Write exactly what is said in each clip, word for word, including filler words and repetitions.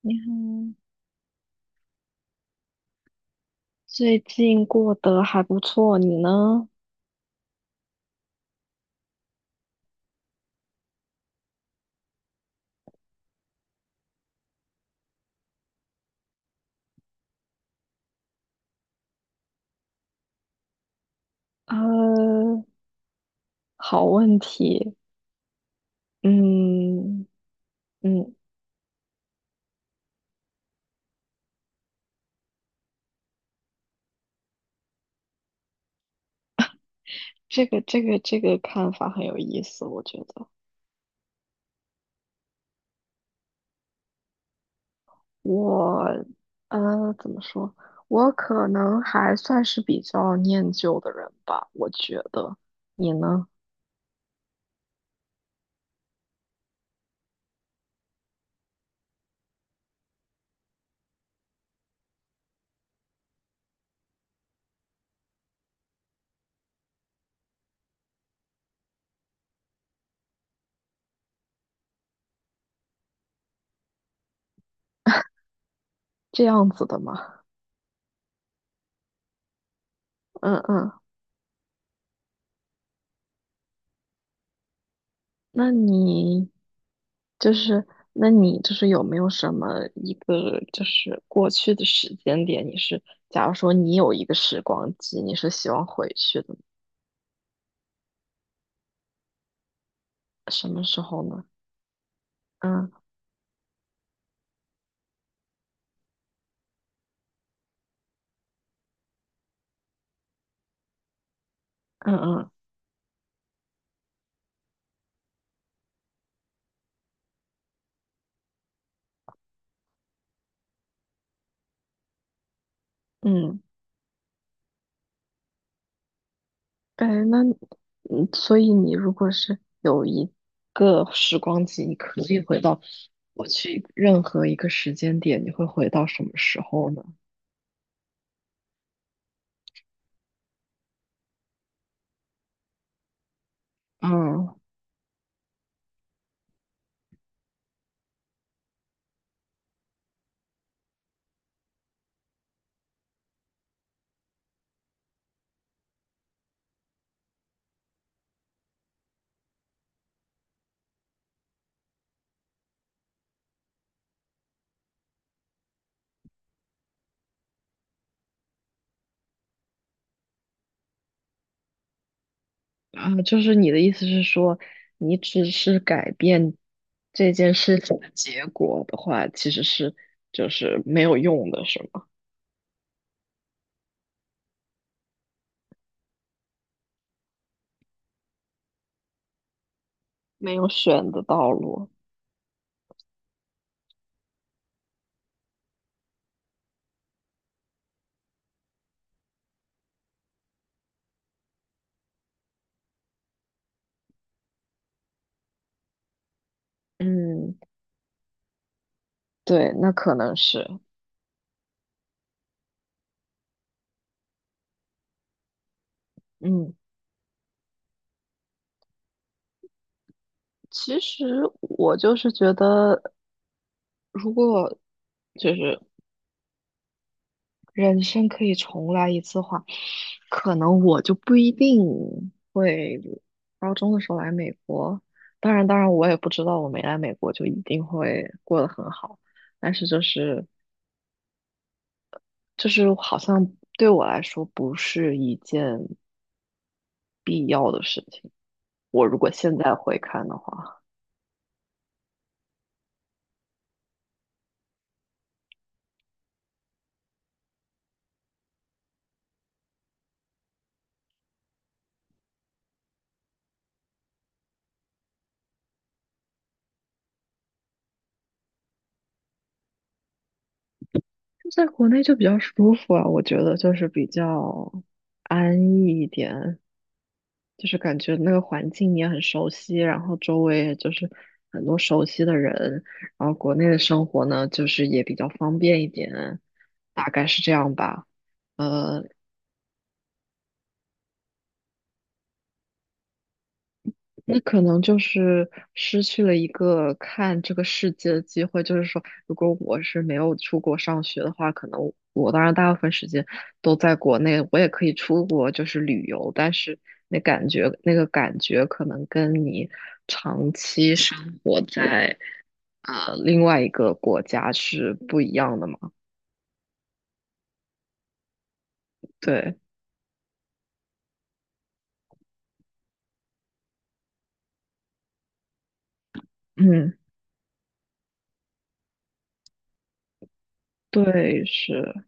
你好，最近过得还不错，你呢？呃，好问题。嗯嗯，这个这个这个看法很有意思，我觉得我呃怎么说？我可能还算是比较念旧的人吧，我觉得。你呢？这样子的吗？嗯嗯，那你就是，那你就是有没有什么一个就是过去的时间点？你是，假如说你有一个时光机，你是希望回去的，什么时候呢？嗯嗯嗯嗯，哎，那你嗯，所以你如果是有一个时光机，你可以回到过去任何一个时间点，你会回到什么时候呢？嗯，啊，就是你的意思是说，你只是改变这件事情的结果的话，其实是就是没有用的，是吗？没有选的道路。嗯，对，那可能是。嗯，其实我就是觉得，如果就是人生可以重来一次的话，可能我就不一定会高中的时候来美国。当然，当然，我也不知道我没来美国就一定会过得很好。但是就是就是好像对我来说不是一件必要的事情。我如果现在回看的话，就在国内就比较舒服啊，我觉得就是比较安逸一点，就是感觉那个环境你也很熟悉，然后周围也就是很多熟悉的人，然后国内的生活呢，就是也比较方便一点，大概是这样吧。呃，那可能就是失去了一个看这个世界的机会。就是说，如果我是没有出国上学的话，可能我当然大部分时间都在国内，我也可以出国就是旅游，但是那感觉那个感觉可能跟你长期生活在呃另外一个国家是不一样的嘛。对，嗯，对，是，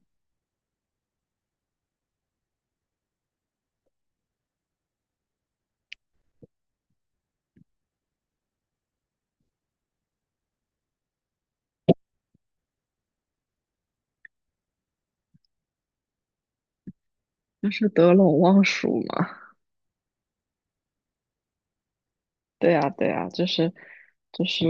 就是得陇望蜀嘛。对呀，对呀，就是就是。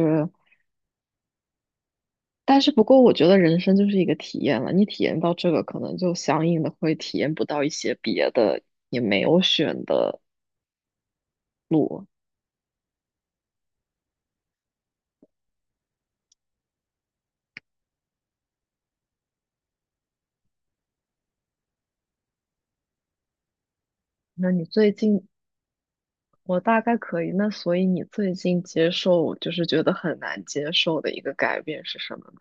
但是不过，我觉得人生就是一个体验了。你体验到这个，可能就相应的会体验不到一些别的，也没有选的。那你最近，我大概可以。那所以你最近接受，就是觉得很难接受的一个改变是什么呢？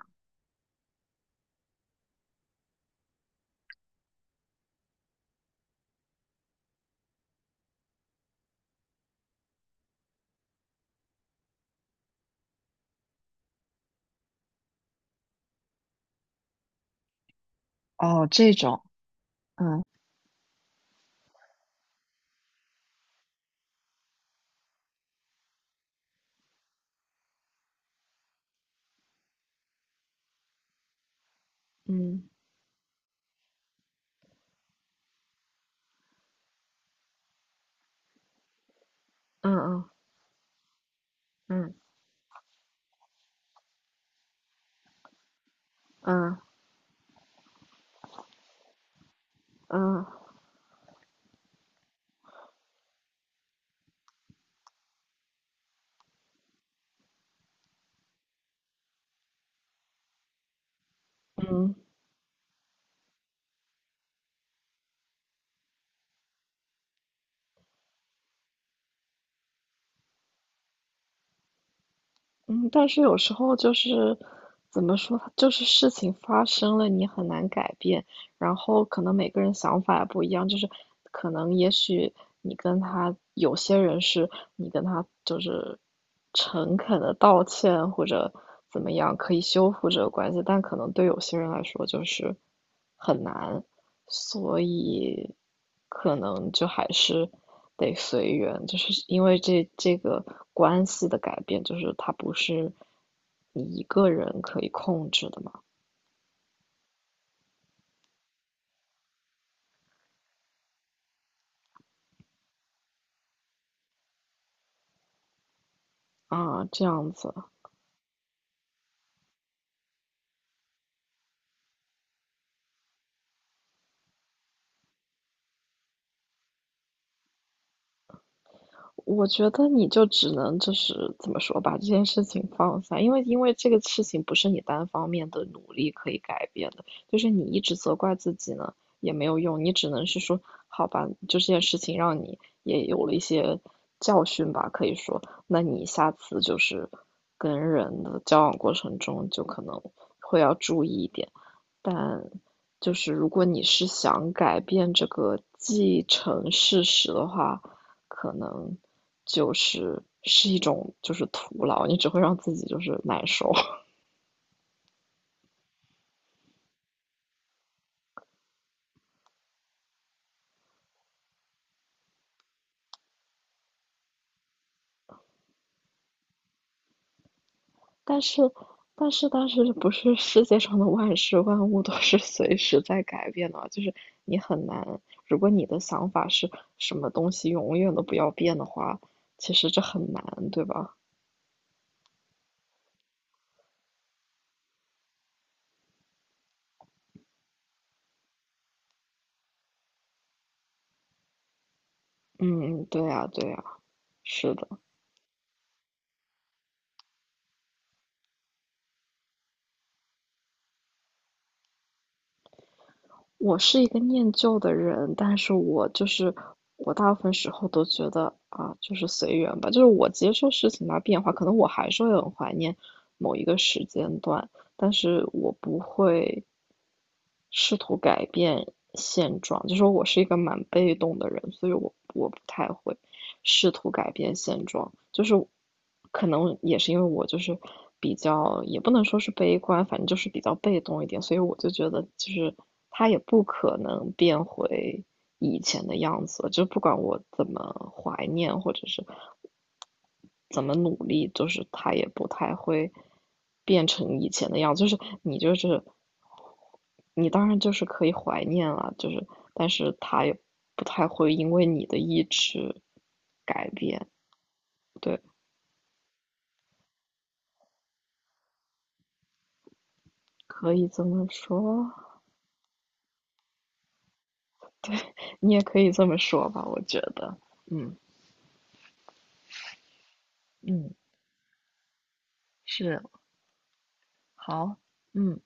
哦，这种，嗯嗯嗯嗯嗯嗯嗯嗯，但是有时候就是怎么说，就是事情发生了，你很难改变。然后可能每个人想法也不一样，就是可能也许你跟他有些人是你跟他就是诚恳的道歉或者怎么样可以修复这个关系，但可能对有些人来说就是很难，所以可能就还是得随缘，就是因为这这个关系的改变，就是它不是你一个人可以控制的嘛，啊，这样子。我觉得你就只能就是怎么说，把这件事情放下，因为因为这个事情不是你单方面的努力可以改变的，就是你一直责怪自己呢也没有用，你只能是说，好吧，就这件事情让你也有了一些教训吧，可以说，那你下次就是跟人的交往过程中就可能会要注意一点，但就是如果你是想改变这个既成事实的话，可能。就是是一种就是徒劳，你只会让自己就是难受。但是，但是，但是，不是世界上的万事万物都是随时在改变的啊，就是你很难。如果你的想法是什么东西永远都不要变的话，其实这很难，对吧？嗯，对呀，对呀，是的。我是一个念旧的人，但是我就是我大部分时候都觉得啊，就是随缘吧，就是我接受事情的变化，可能我还是会很怀念某一个时间段，但是我不会试图改变现状，就说我是一个蛮被动的人，所以我我不太会试图改变现状，就是可能也是因为我就是比较，也不能说是悲观，反正就是比较被动一点，所以我就觉得就是他也不可能变回以前的样子就不管我怎么怀念或者是怎么努力，就是他也不太会变成以前的样子。就是你就是你当然就是可以怀念了，就是但是他也不太会因为你的意志改变。对，可以这么说，你也可以这么说吧，我觉得，嗯嗯，是好，嗯。